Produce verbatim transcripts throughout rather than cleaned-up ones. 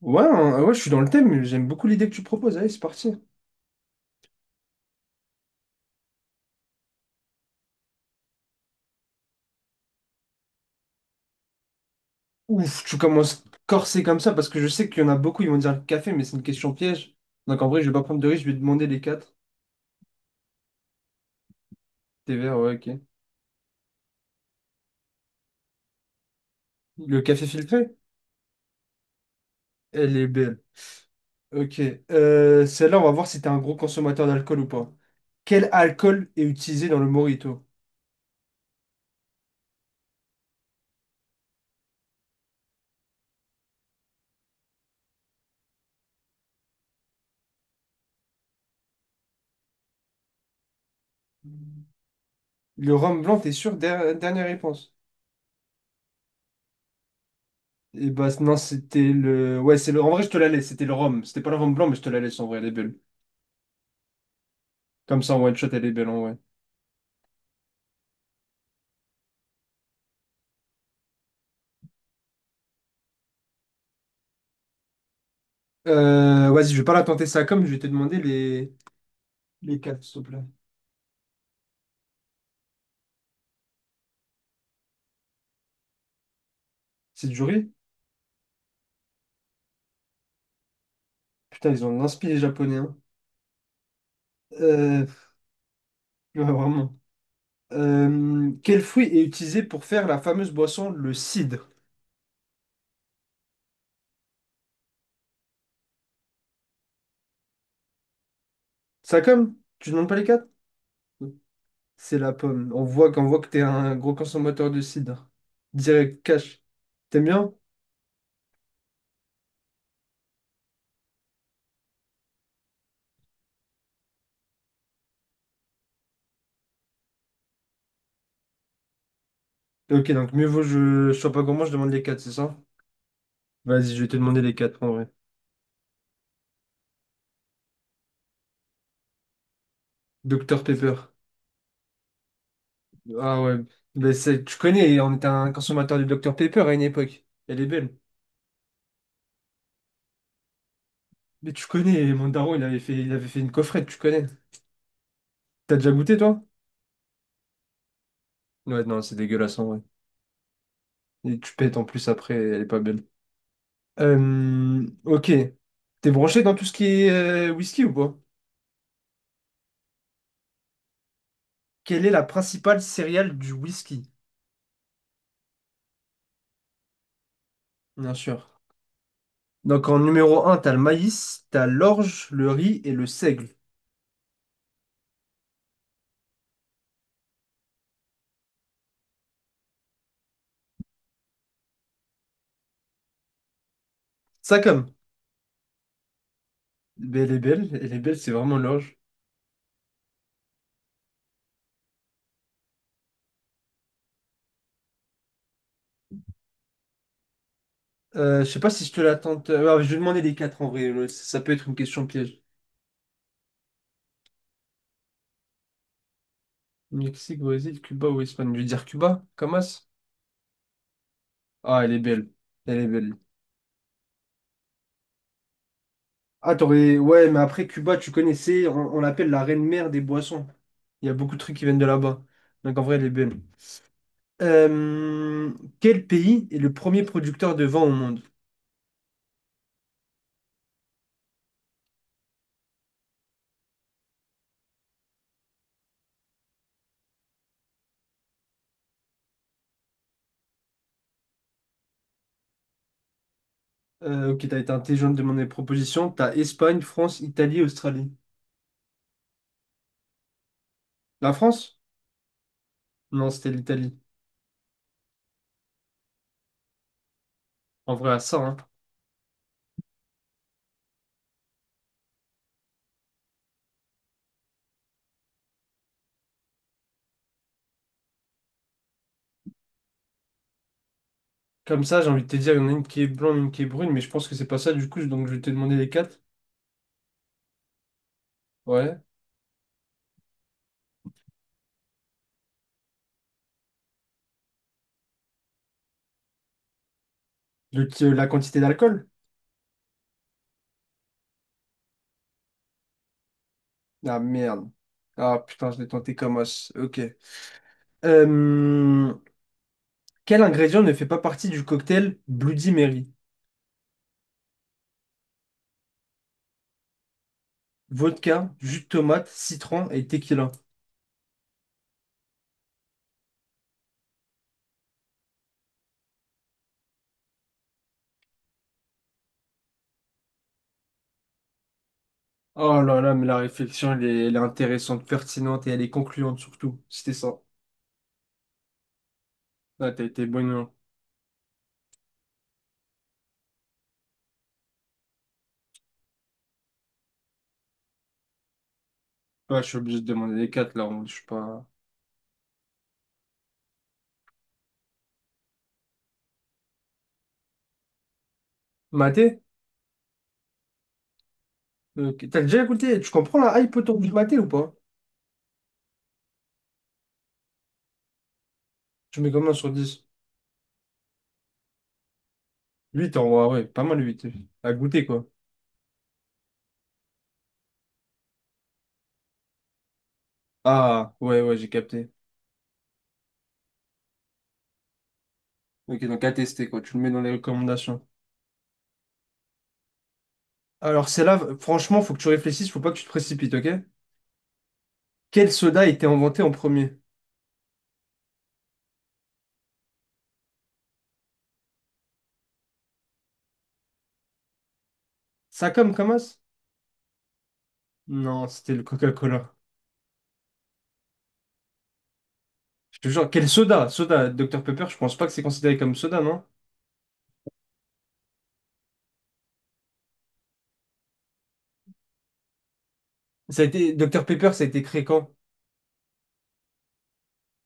Ouais, hein, ouais, je suis dans le thème, j'aime beaucoup l'idée que tu proposes. Allez, c'est parti. Ouf, tu commences corsé comme ça parce que je sais qu'il y en a beaucoup, ils vont dire le café, mais c'est une question piège. Donc en vrai, je vais pas prendre de risque, je vais demander les quatre. Tes verres, ouais, ok. Le café filtré? Elle est belle. Ok. Euh, celle-là, on va voir si t'es un gros consommateur d'alcool ou pas. Quel alcool est utilisé dans le mojito? Le rhum blanc, t'es sûr? Der- dernière réponse. Et bah non, c'était le. Ouais, c'est le. En vrai, je te la laisse. C'était le rhum. C'était pas le rhum blanc, mais je te la laisse en vrai, elle est belle. Comme ça, en one shot, elle est belle en vrai. Euh, vas-y, je vais pas la tenter ça comme, je vais te demander les, les quatre, s'il te plaît. C'est du riz? Putain, ils ont l'inspi les Japonais, hein. Euh, ouais, vraiment. Euh, quel fruit est utilisé pour faire la fameuse boisson, le cidre? Ça comme? Tu demandes pas les quatre? C'est la pomme. On voit qu'on voit que t'es un gros consommateur de cidre. Direct, cash. T'aimes bien? Ok, donc mieux vaut je, je sois pas gourmand, je demande les quatre, c'est ça? Vas-y, je vais te demander les quatre en vrai. Docteur Pepper. Ah ouais. Ben, c'est- tu connais, on était un consommateur du Docteur Pepper à une époque. Elle est belle. Mais tu connais, mon daron, il avait fait, il avait fait une coffrette, tu connais. T'as déjà goûté, toi? Ouais, non, c'est dégueulasse en vrai. Et tu pètes en plus après, elle est pas belle. Euh, ok. T'es branché dans tout ce qui est euh, whisky ou pas? Quelle est la principale céréale du whisky? Bien sûr. Donc en numéro un t'as le maïs, t'as l'orge, le riz et le seigle. Ça comme. Ben elle est belle, elle est belle, c'est vraiment l'orge. Euh, je sais pas si je te la tente. Euh, ouais, je vais demander les quatre en vrai. Ouais, Ça, ça peut être une question piège. Mexique, Brésil, Cuba ou Espagne. Je vais dire Cuba, Camas. Ah, elle est belle. Elle est belle. Ah, t'aurais. Ouais, mais après Cuba, tu connaissais, on, on l'appelle la reine mère des boissons. Il y a beaucoup de trucs qui viennent de là-bas. Donc en vrai, elle est belle. Euh, Quel pays est le premier producteur de vin au monde? Euh, ok, t'as été intelligent de demander des propositions. T'as Espagne, France, Italie, Australie. La France? Non, c'était l'Italie. En vrai, à ça, hein. Comme ça, j'ai envie de te dire, il y en a une qui est blanche, une qui est brune, mais je pense que c'est pas ça du coup, donc je vais te demander les quatre. Ouais. Le, euh, la quantité d'alcool? Ah merde. Ah putain, je l'ai tenté comme os. Ok. Euh, quel ingrédient ne fait pas partie du cocktail Bloody Mary? Vodka, jus de tomate, citron et tequila. Oh là là, mais la réflexion, elle est, elle est intéressante, pertinente et elle est concluante surtout. C'était ça. Ah, t'as été bon. Non. Ouais, je suis obligé de demander les quatre là. en- Je suis pas. Maté? Ok. T'as déjà écouté? Tu comprends la hype autour du maté ou pas? Tu mets combien sur dix? Huit en vrai, ouais, pas mal. Huit. À goûter quoi. Ah, ouais, ouais, j'ai capté. Ok, donc à tester quoi. Tu le mets dans les recommandations. Alors, c'est là, franchement, faut que tu réfléchisses, faut pas que tu te précipites, ok? Quel soda a été inventé en premier? Ça comme. Non, c'était le Coca-Cola. Je te jure, quel soda? Soda, Dr Pepper, je pense pas que c'est considéré comme soda, non? Ça a été. Dr Pepper, ça a été créé quand?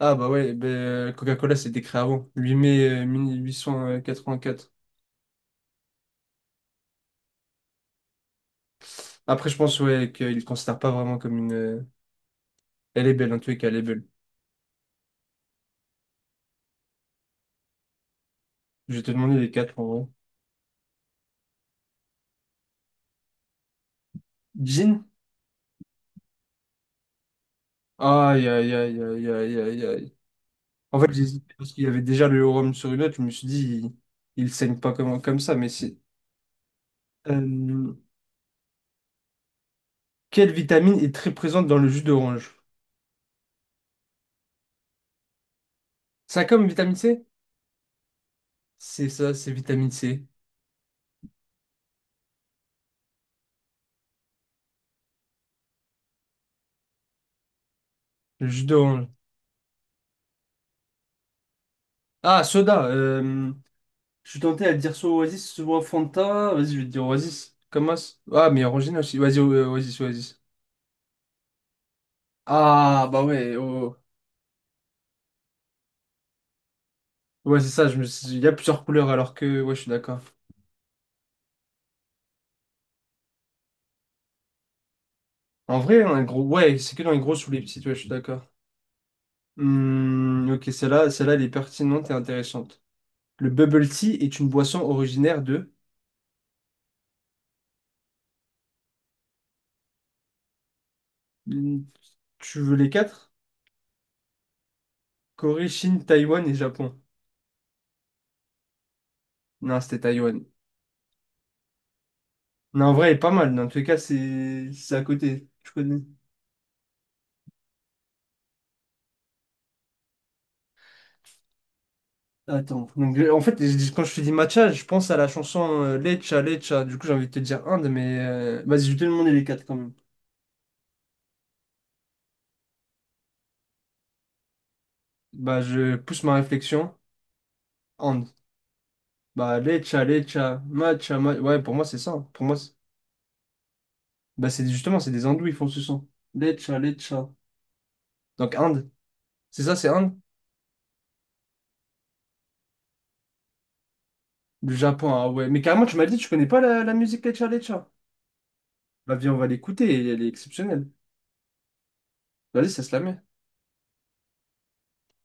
Ah bah ouais, ben, euh, Coca-Cola c'était créé avant, huit mai euh, mille huit cent quatre-vingt-quatre. Après je pense ouais qu'ils ne considèrent pas vraiment comme une. euh, Elle est belle, en tout cas elle est belle. Je vais te demander les quatre en vrai. Gin? Aïe aïe aïe aïe aïe aïe aïe. En fait j'hésitais parce qu'il y avait déjà le rhum sur une autre, je me suis dit il, il saigne pas comme, comme ça, mais c'est. Euh, quelle vitamine est très présente dans le jus d'orange? Ça comme vitamine C? C'est ça, c'est vitamine C. Le jus d'orange. Ah, soda. euh, Je suis tenté à dire soit Oasis, soit Fanta. Vas-y, je vais te dire Oasis. As. Ah, mais Orangina aussi. Vas-y, O- euh, Oasis, Oasis. Ah, bah ouais. Oh. Oh. Ouais, c'est ça. Je me suis- Il y a plusieurs couleurs alors que. Ouais, je suis d'accord. En vrai, un gros. Ouais, c'est que dans les grosses ou les petites. Ouais, je suis d'accord. Hmm, ok, celle-là, celle-là, elle est pertinente et intéressante. Le bubble tea est une boisson originaire de. Hmm, tu veux les quatre? Corée, Chine, Taïwan et Japon. Non, c'était Taïwan. Non, en vrai, elle est pas mal. Dans tous les cas, c'est c'est à côté. Je connais. Attends. Donc, je- en fait, je- quand je te dis matcha, je pense à la chanson euh, Lecha, Lecha. Du coup, j'ai envie de te dire Inde, mais euh, vas-y, je vais te demander les quatre quand même. Bah, je pousse ma réflexion. Inde. Bah, Lecha, Lecha, matcha, ma- Ouais, pour moi, c'est ça. Hein. Pour moi, c'est- bah, c'est justement, c'est des hindous, ils font ce son. Lecha, Lecha. Donc, Inde. C'est ça, c'est Inde? Le Japon, ah ouais. Mais carrément, tu m'as dit, tu connais pas la, la musique Lecha, Lecha. Bah, viens, on va l'écouter, elle est exceptionnelle. Vas-y, ça se la met.